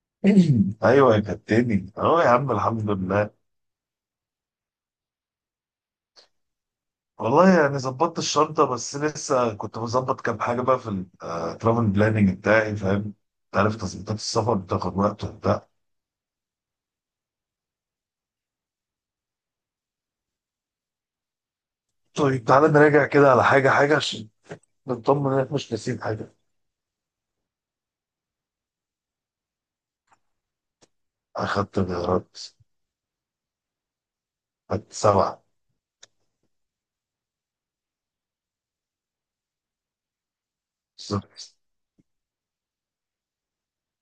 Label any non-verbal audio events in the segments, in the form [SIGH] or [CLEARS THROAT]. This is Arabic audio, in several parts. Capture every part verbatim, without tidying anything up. [CLEARS THROAT] [LAUGHS] ايوه يا كابتني، اهو يا عم، الحمد لله. والله يعني ظبطت الشنطه، بس لسه كنت بظبط كام حاجه بقى في الترافل بلاننج بتاعي، فاهم؟ انت عارف تظبيطات السفر بتاخد وقت وبتاع. طيب تعالى نراجع كده على حاجه حاجه، عشان نطمن انك مش ناسيين حاجه. اخدت غيارات. اخدت سبعه. بالظبط.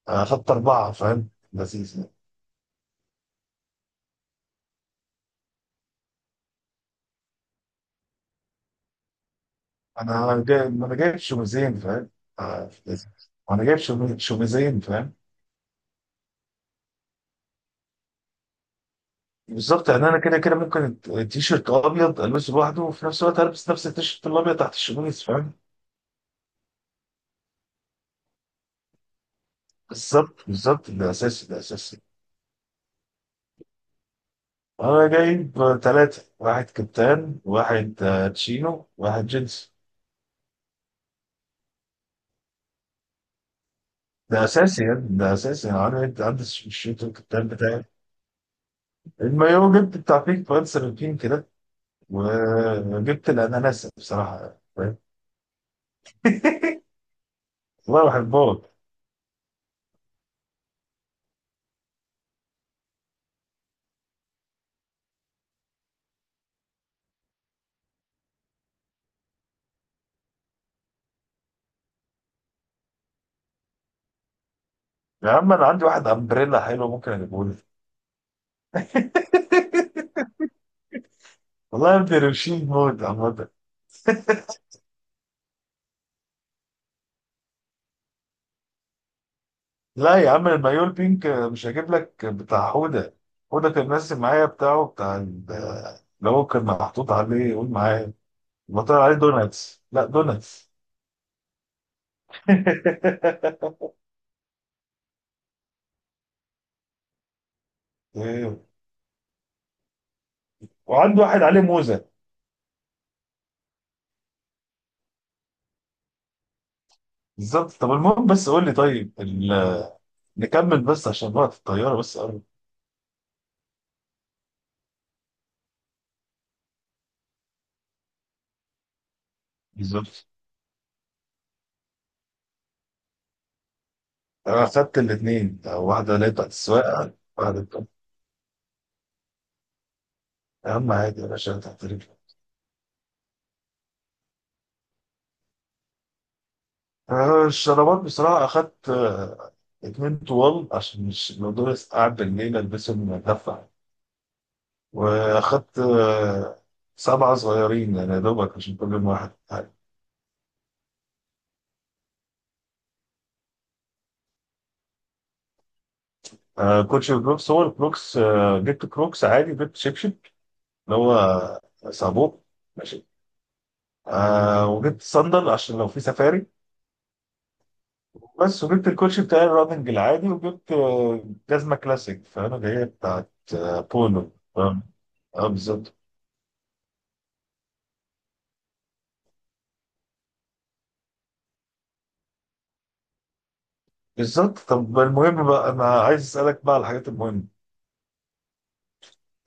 اخدت اربعه، فاهم، لذيذ يعني. انا جاي ما انا جايب شوميزين، فاهم؟ آه، لذيذ. وانا جايب شومي- شوميزين، فاهم؟ بالظبط، يعني انا كده كده ممكن التيشيرت ابيض البسه لوحده، وفي نفس الوقت البس نفس التيشيرت الابيض تحت الشميز، فاهم؟ بالظبط بالظبط، ده اساسي ده اساسي. انا جايب ثلاثه، واحد كابتن، واحد آه، تشينو، واحد جينز. ده اساسي يعني، ده اساسي يعني، انا عندي عندي الشيرت الكابتن بتاعي. المايو جبت بتاع بيك بانسر البينك كده. وجبت الاناناس بصراحه، فاهم؟ [LAUGHS] والله بحبهم. يا عم، انا عندي واحد امبريلا حلو، ممكن اجيبه لك. [LAUGHS] والله يا ابني، روشين موت عامة. لا يا عم، المايو البينك مش هجيب لك، بتاع حودة. حودة كان ماسك معايا بتاعه، بتاع ال- اللي هو كان محطوط عليه، قول معايا. ما طلع عليه دوناتس، لا دوناتس. [LAUGHS] إيه. وعنده واحد عليه موزة. بالظبط، طب المهم بس قول لي، طيب ال- نكمل بس، عشان وقت الطيارة بس قرب. بالظبط، انا خدت الاثنين، واحدة اللي هي بتاعت السواقة، واحدة بتاعت- اهم حاجة يا باشا تحترم. آه، الشرابات بصراحة أخدت آه، اتنين طوال، عشان مش الموضوع بس قعد بالليل ألبسهم أدفع. وأخدت آه، سبعة صغيرين، يعني يا دوبك عشان كل يوم واحد. آه، كوتش وكروكس، هو الكروكس آه، جبت كروكس عادي، جبت شبشب اللي هو صابون، ماشي. آه، وجبت صندل عشان لو في سفاري. بس وجبت الكوتش بتاع الراننج العادي، وجبت آه، جزمة كلاسيك، فأنا جاية بتاعت آه، بولو، فاهم؟ اه بالظبط. بالظبط، طب المهم بقى انا عايز اسالك بقى على الحاجات المهمه.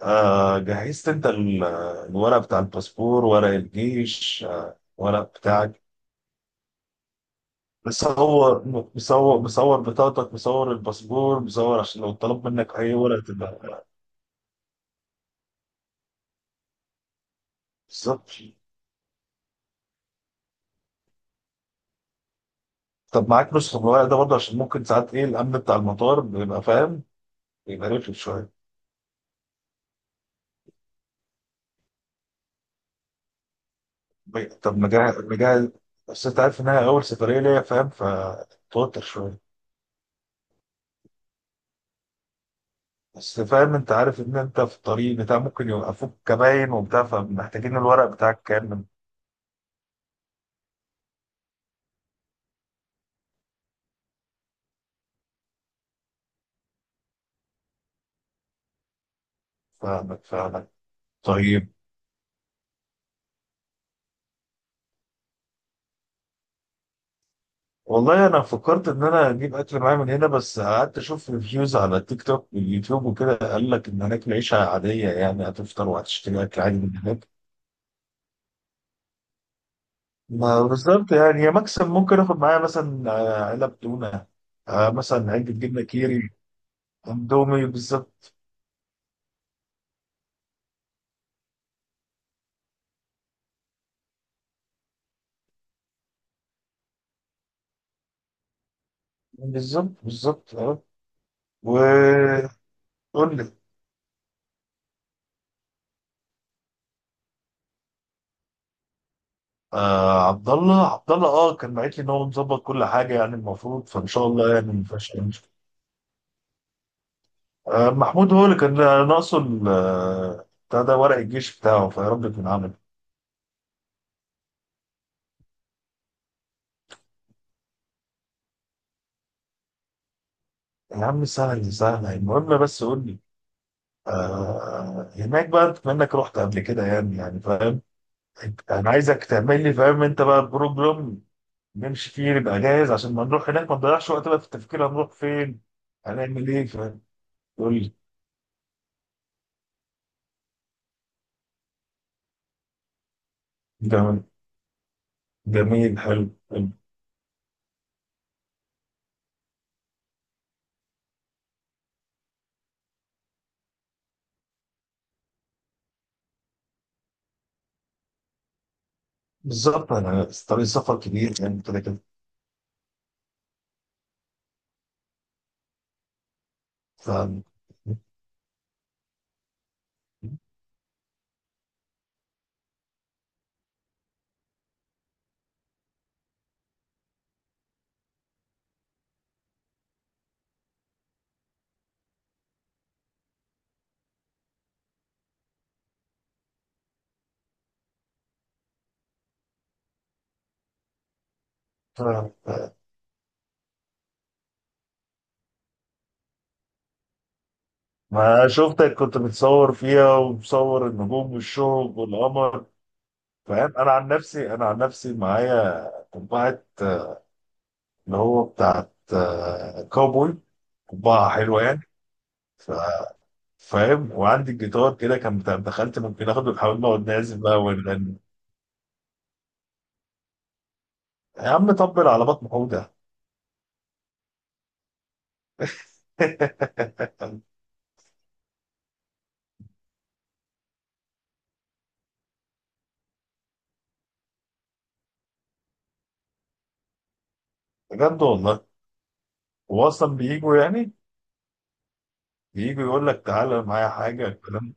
آه جهزت انت ال- الورق بتاع الباسبور، ورق الجيش، آه ورق بتاعك؟ مصور، مصور مصور بطاقتك، مصور الباسبور، مصور عشان لو طلب منك اي ورقه تبقى. بالظبط، طب معاك نسخه من الورق ده برضه، عشان ممكن ساعات، ايه الامن بتاع المطار بيبقى فاهم، بيبقى رخم شويه. طب مجهز مجهز؟ بس انت عارف انها اول سفريه ليا، فاهم، فتوتر شويه. بس فاهم، انت عارف ان انت في الطريق بتاع ممكن يوقفوك كباين وبتاع، فمحتاجين الورق بتاعك كامل. فاهمك فاهمك، طيب. والله انا فكرت ان انا اجيب اكل معايا من هنا، بس قعدت اشوف ريفيوز على تيك توك واليوتيوب وكده، قال لك ان هناك العيشه عاديه، يعني هتفطر وهتشتري اكل عادي من هناك. ما بالظبط، يعني يا مكسب، ممكن اخد معايا مثلا آه، علب تونه، آه، مثلا علبه جبنه كيري. اندومي بالظبط. بالظبط بالظبط، اه. وقول. آه عبد الله، عبد الله اه كان بعت لي ان هو مظبط كل حاجه، يعني المفروض، فان شاء الله يعني ما فيهاش أي مشكلة. آه محمود هو اللي كان ناقصه ال- آه، بتاع ده، ورق الجيش بتاعه، فيا رب يكون عمل. يا عم سهل سهل، المهم بس قول لي. آه هناك بقى بما انك رحت قبل كده، يعني يعني فاهم. أنت- انا عايزك تعمل لي، فاهم انت، بقى بروجرام نمشي فيه، نبقى جاهز عشان ما نروح هناك ما نضيعش وقت بقى في التفكير هنروح فين، هنعمل ايه، فاهم؟ قول لي. جميل جميل حلو. بالظبط، انا طريق سفر كبير يعني كده كده. ف... ف... ف- ما شفتك كنت بتصور فيها، ومصور النجوم والشهب والقمر. فاهم، انا عن نفسي انا عن نفسي معايا قبعه، آه، اللي هو بتاعت آه، كاوبوي، قبعه حلوه يعني. ف... فاهم، وعندي الجيتار كده كان بتاع- دخلت ممكن اخده، ونحاول نقعد نعزف بقى ونغني. يا عم طبل على بطن حوده. [LAUGHS] بجد والله. هو اصلا بيجوا يعني؟ بيجوا يقول لك تعالى معايا حاجه، الكلام.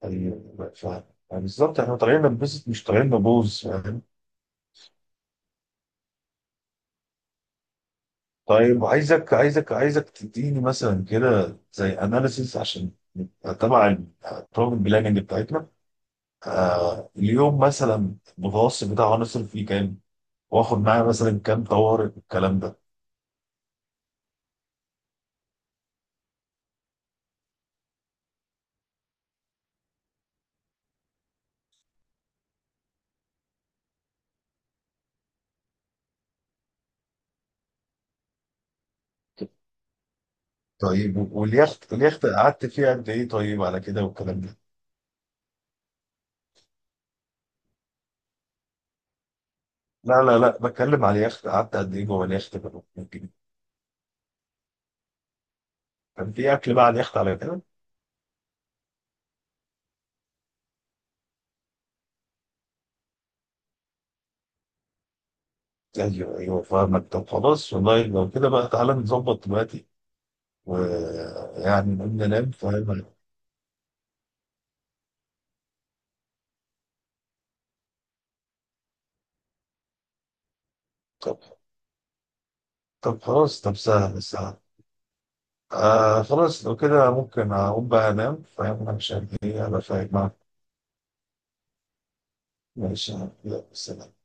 طيب، ف- بالظبط احنا طالعين ننبسط، مش طالعين نبوظ، فاهم؟ طيب، عايزك عايزك عايزك تديني مثلا كده زي اناليسيس، عشان نبقى تبع البروجرام بلاننج بتاعتنا. آه اليوم مثلا المتوسط بتاعه هنصرف فيه كام، واخد معايا مثلا كام طوارئ والكلام ده. طيب، واليخت اليخت قعدت فيه قد ايه، طيب على كده والكلام ده؟ لا لا لا، بتكلم على اليخت، قعدت قد ايه جوه اليخت؟ كان في اكل بقى على اليخت على كده؟ ايوه ايوه، فاهمك، طب خلاص والله لو كده بقى تعالى نظبط دلوقتي، ويعني نقوم ننام، فاهم؟ طب طب خلاص، طب سهل سهل. آه خلاص، لو كده ممكن اقوم بقى انام، فاهم، عشان ايه ابقى فاهم معاك. ماشي، يلا سلام.